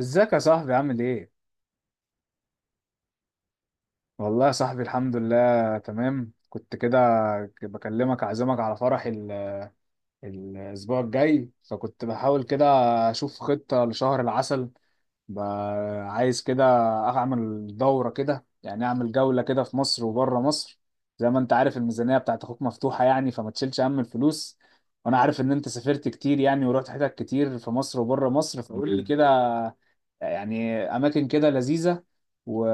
ازيك يا صاحبي عامل ايه؟ والله يا صاحبي، الحمد لله تمام. كنت كده بكلمك اعزمك على فرح الاسبوع الجاي، فكنت بحاول كده اشوف خطة لشهر العسل. ب- عايز كده اعمل دورة كده، يعني اعمل جولة كده في مصر وبره مصر. زي ما انت عارف الميزانية بتاعت اخوك مفتوحة، يعني فما تشيلش هم الفلوس. وانا عارف ان انت سافرت كتير يعني، ورحت حتت كتير في مصر وبره مصر، فقول لي كده يعني اماكن كده لذيذه و...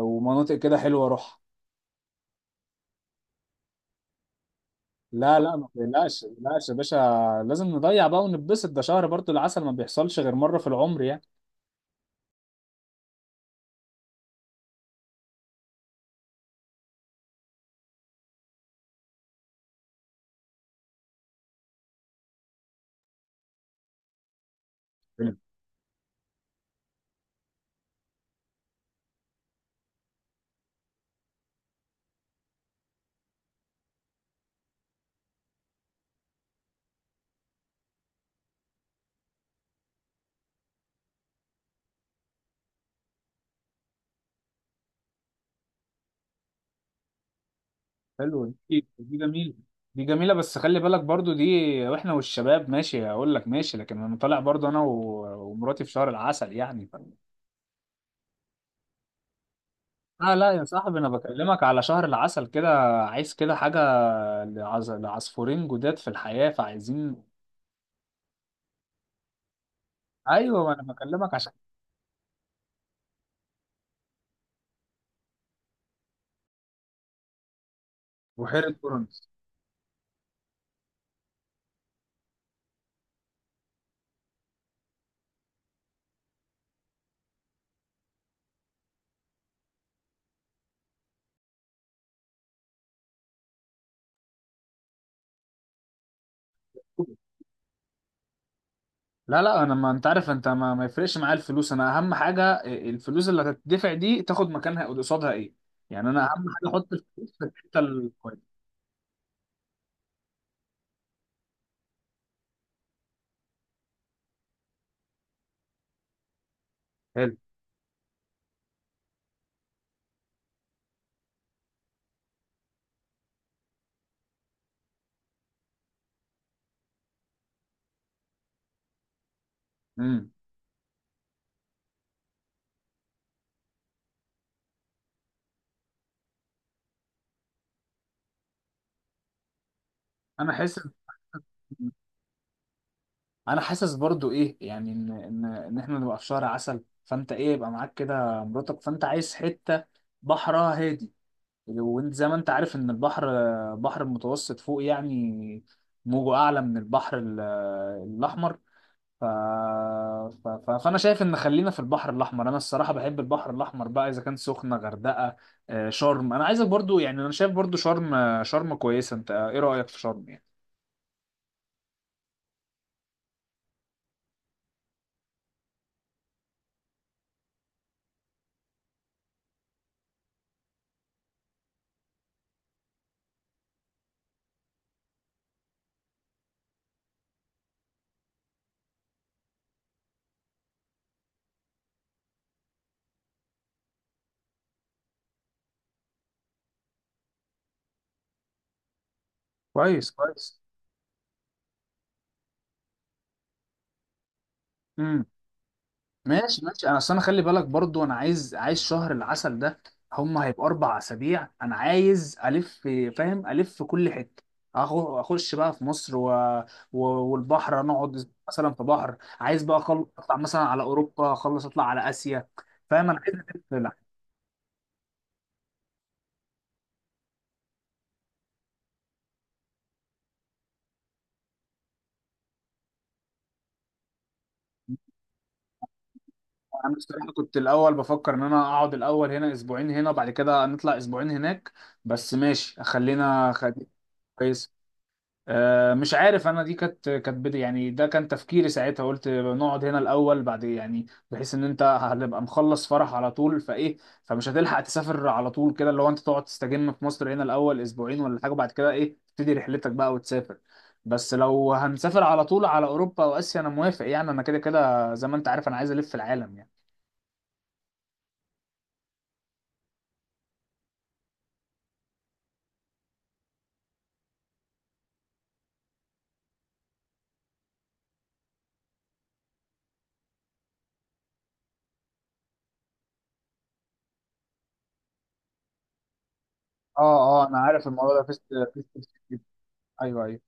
ومناطق كده حلوه اروحها. لا لا، ما تقلقش ما تقلقش يا باشا. لازم نضيع بقى ونتبسط، ده شهر برضو العسل ما بيحصلش غير مره في العمر يعني. حلو حلو. دي جميله، دي جميله بس خلي بالك برضو دي. واحنا والشباب ماشي، هقول لك ماشي، لكن انا طالع برضو انا ومراتي في شهر العسل يعني. لا لا يا صاحبي، انا بكلمك على شهر العسل كده، عايز كده حاجه لعصفورين جداد في الحياه فعايزين. ايوه، ما انا بكلمك. بحيرة بورنس. لا لا، انا ما انت عارف، انت ما يفرقش معايا الفلوس، انا اهم حاجه الفلوس اللي هتدفع دي تاخد مكانها قصادها ايه. يعني انا اهم حاجه احط الفلوس في الحته الكويسه. حلو. امم انا حاسس انا حاسس برضو ايه، يعني ان احنا نبقى في شهر عسل، فانت ايه يبقى معاك كده مراتك، فانت عايز حته بحرها هادي. وانت زي ما انت عارف ان البحر، بحر المتوسط فوق يعني موجه اعلى من البحر الاحمر. ف... فانا شايف ان خلينا في البحر الاحمر، انا الصراحه بحب البحر الاحمر بقى، اذا كان سخنه غردقه شرم. انا عايزك برضو يعني، انا شايف برضو شرم، شرم كويسه، انت ايه رايك في شرم يعني؟ كويس كويس. ماشي ماشي، انا اصل انا خلي بالك برضو انا عايز شهر العسل ده، هيبقى 4 اسابيع، انا عايز الف، فاهم، الف في كل حته. أخو- اخش بقى في مصر والبحر، نقعد مثلا في بحر، عايز بقى اخلص اطلع مثلا على اوروبا، اخلص اطلع على اسيا. فاهم، انا عايز الف، لا. انا الصراحه كنت الاول بفكر ان انا اقعد الاول هنا اسبوعين هنا وبعد كده نطلع اسبوعين هناك، بس ماشي خلينا. كويس. مش عارف انا، دي كانت بدي يعني، ده كان تفكيري ساعتها، قلت نقعد هنا الاول بعد يعني، بحيث ان انت هتبقى مخلص فرح على طول فايه، فمش هتلحق تسافر على طول كده، لو انت تقعد تستجم في مصر هنا الاول اسبوعين ولا حاجه بعد كده ايه تبتدي رحلتك بقى وتسافر. بس لو هنسافر على طول على اوروبا واسيا انا موافق، يعني انا كده كده زي ما انت عارف انا عايز الف العالم يعني. اه اه، انا عارف الموضوع ده فيست، فيست، ايوه ايوه.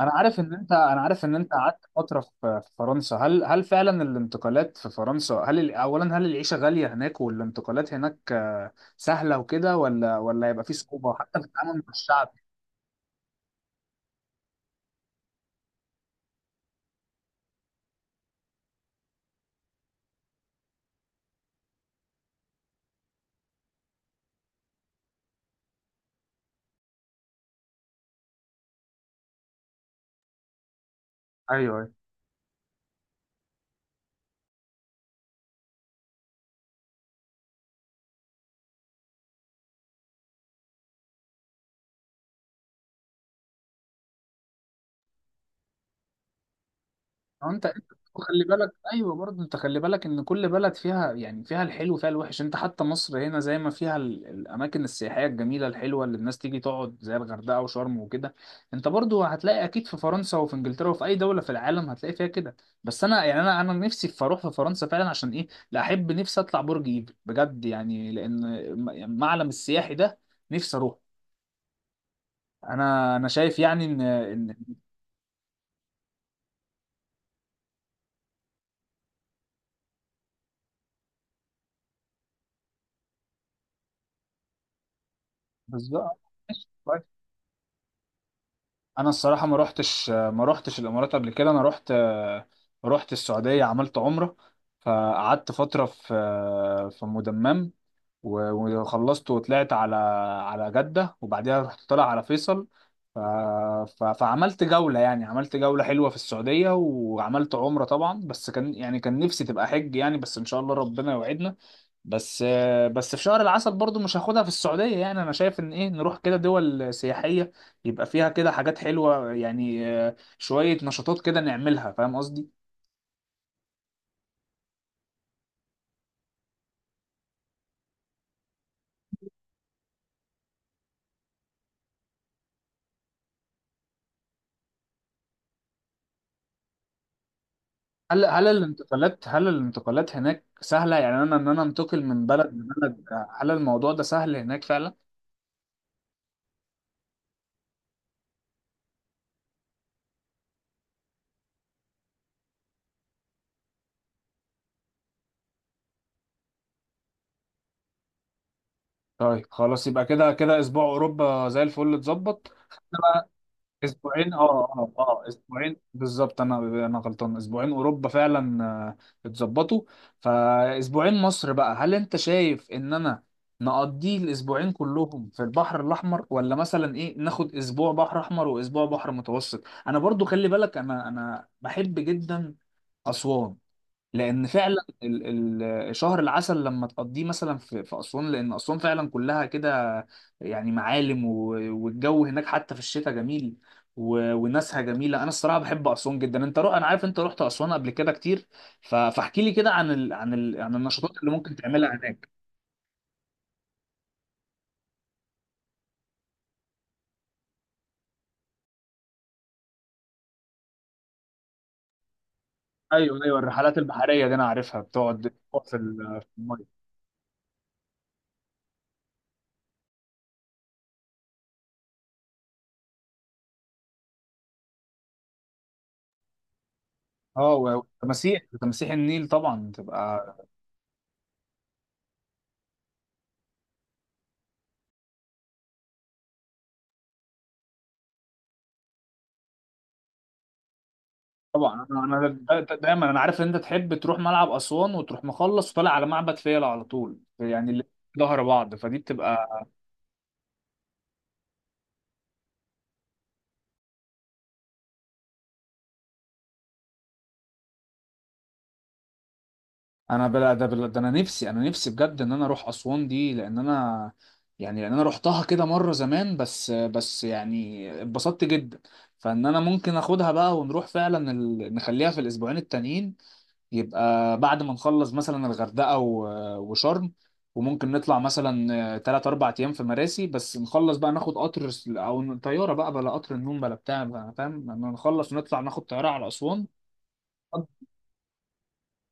انا عارف ان انت قعدت فتره في فرنسا. هل فعلا الانتقالات في فرنسا، اولا، هل العيشه غاليه هناك، والانتقالات هناك سهله وكده، ولا هيبقى في صعوبه حتى في التعامل مع الشعب؟ ايوه. هو انت خلي بالك، ايوه برضه انت خلي بالك ان كل بلد فيها يعني فيها الحلو وفيها الوحش، انت حتى مصر هنا زي ما فيها الاماكن السياحيه الجميله الحلوه اللي الناس تيجي تقعد زي الغردقه وشرم وكده. انت برضه هتلاقي اكيد في فرنسا وفي انجلترا وفي اي دوله في العالم هتلاقي فيها كده. بس انا يعني انا نفسي في اروح في فرنسا فعلا، عشان ايه لا، احب نفسي اطلع برج ايفل بجد يعني، لان المعلم السياحي ده نفسي اروح. انا شايف يعني ان بالظبط. انا الصراحه ما روحتش الامارات قبل كده، انا روحت السعوديه، عملت عمره، فقعدت فتره في مدمم وخلصت وطلعت على جدة، وبعدها رحت طالع على فيصل. ف... فعملت جولة يعني، عملت جولة حلوة في السعودية وعملت عمرة طبعا، بس كان يعني كان نفسي تبقى حج يعني، بس إن شاء الله ربنا يوعدنا. بس بس في شهر العسل برضو مش هاخدها في السعودية يعني، أنا شايف إن إيه نروح كده دول سياحية، يبقى فيها كده حاجات حلوة يعني، شوية نشاطات كده نعملها، فاهم قصدي؟ هل الانتقالات هناك سهلة، يعني ان انا انتقل من بلد لبلد، هل الموضوع ده سهل هناك فعلا؟ طيب خلاص، يبقى كده كده اسبوع اوروبا زي الفل اتظبط. اسبوعين اه اه اه، اسبوعين بالظبط، انا غلطان، اسبوعين اوروبا فعلا اتظبطوا. فاسبوعين مصر بقى، هل انت شايف ان انا نقضيه الاسبوعين كلهم في البحر الاحمر، ولا مثلا ايه ناخد اسبوع بحر احمر واسبوع بحر متوسط؟ انا برضو خلي بالك، انا بحب جدا اسوان، لان فعلا شهر العسل لما تقضيه مثلا في اسوان، لان اسوان فعلا كلها كده يعني معالم، والجو هناك حتى في الشتاء جميل، وناسها جميله. انا الصراحه بحب اسوان جدا، انت انا عارف انت رحت اسوان قبل كده كتير. فاحكي لي كده عن عن النشاطات اللي ممكن تعملها هناك. ايوه ايوه، الرحلات البحريه دي انا عارفها بتقعد في الميه. اه، وتماسيح النيل طبعا تبقى. طبعا، انا دايما انا عارف ان انت تحب تروح ملعب اسوان وتروح مخلص وطالع على معبد فيلة على طول، يعني اللي ظهر بعض فدي بتبقى. انا بلا ده بلا ده، انا نفسي بجد ان انا اروح اسوان دي لان انا، يعني لان انا رحتها كده مره زمان، بس يعني اتبسطت جدا، فان انا ممكن اخدها بقى، ونروح فعلا نخليها في الاسبوعين التانيين، يبقى بعد ما نخلص مثلا الغردقة وشرم، وممكن نطلع مثلا تلات أربع أيام في مراسي، بس نخلص بقى ناخد قطر أو طيارة بقى، بلا قطر النوم بلا بتاع بقى، فاهم، لما نخلص ونطلع ناخد طيارة على أسوان.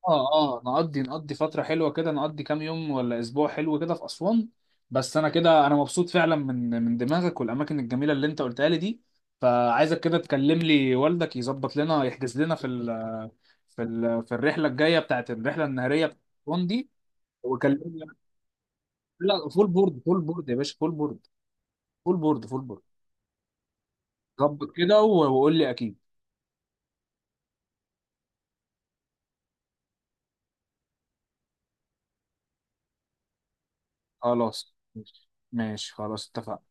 اه اه، نقضي فترة حلوة كده، نقضي كام يوم ولا اسبوع حلو كده في اسوان. بس انا كده انا مبسوط فعلا من دماغك والاماكن الجميلة اللي انت قلتها لي دي، فعايزك كده تكلم لي والدك يظبط لنا يحجز لنا في الرحلة الجاية بتاعت الرحلة النهارية بتاعت اسوان دي. وكلمني. لا، فول بورد فول بورد يا باشا، فول بورد، فول بورد فول بورد ظبط كده، وقول لي اكيد. خلاص ماشي ماشي، خلاص اتفقنا.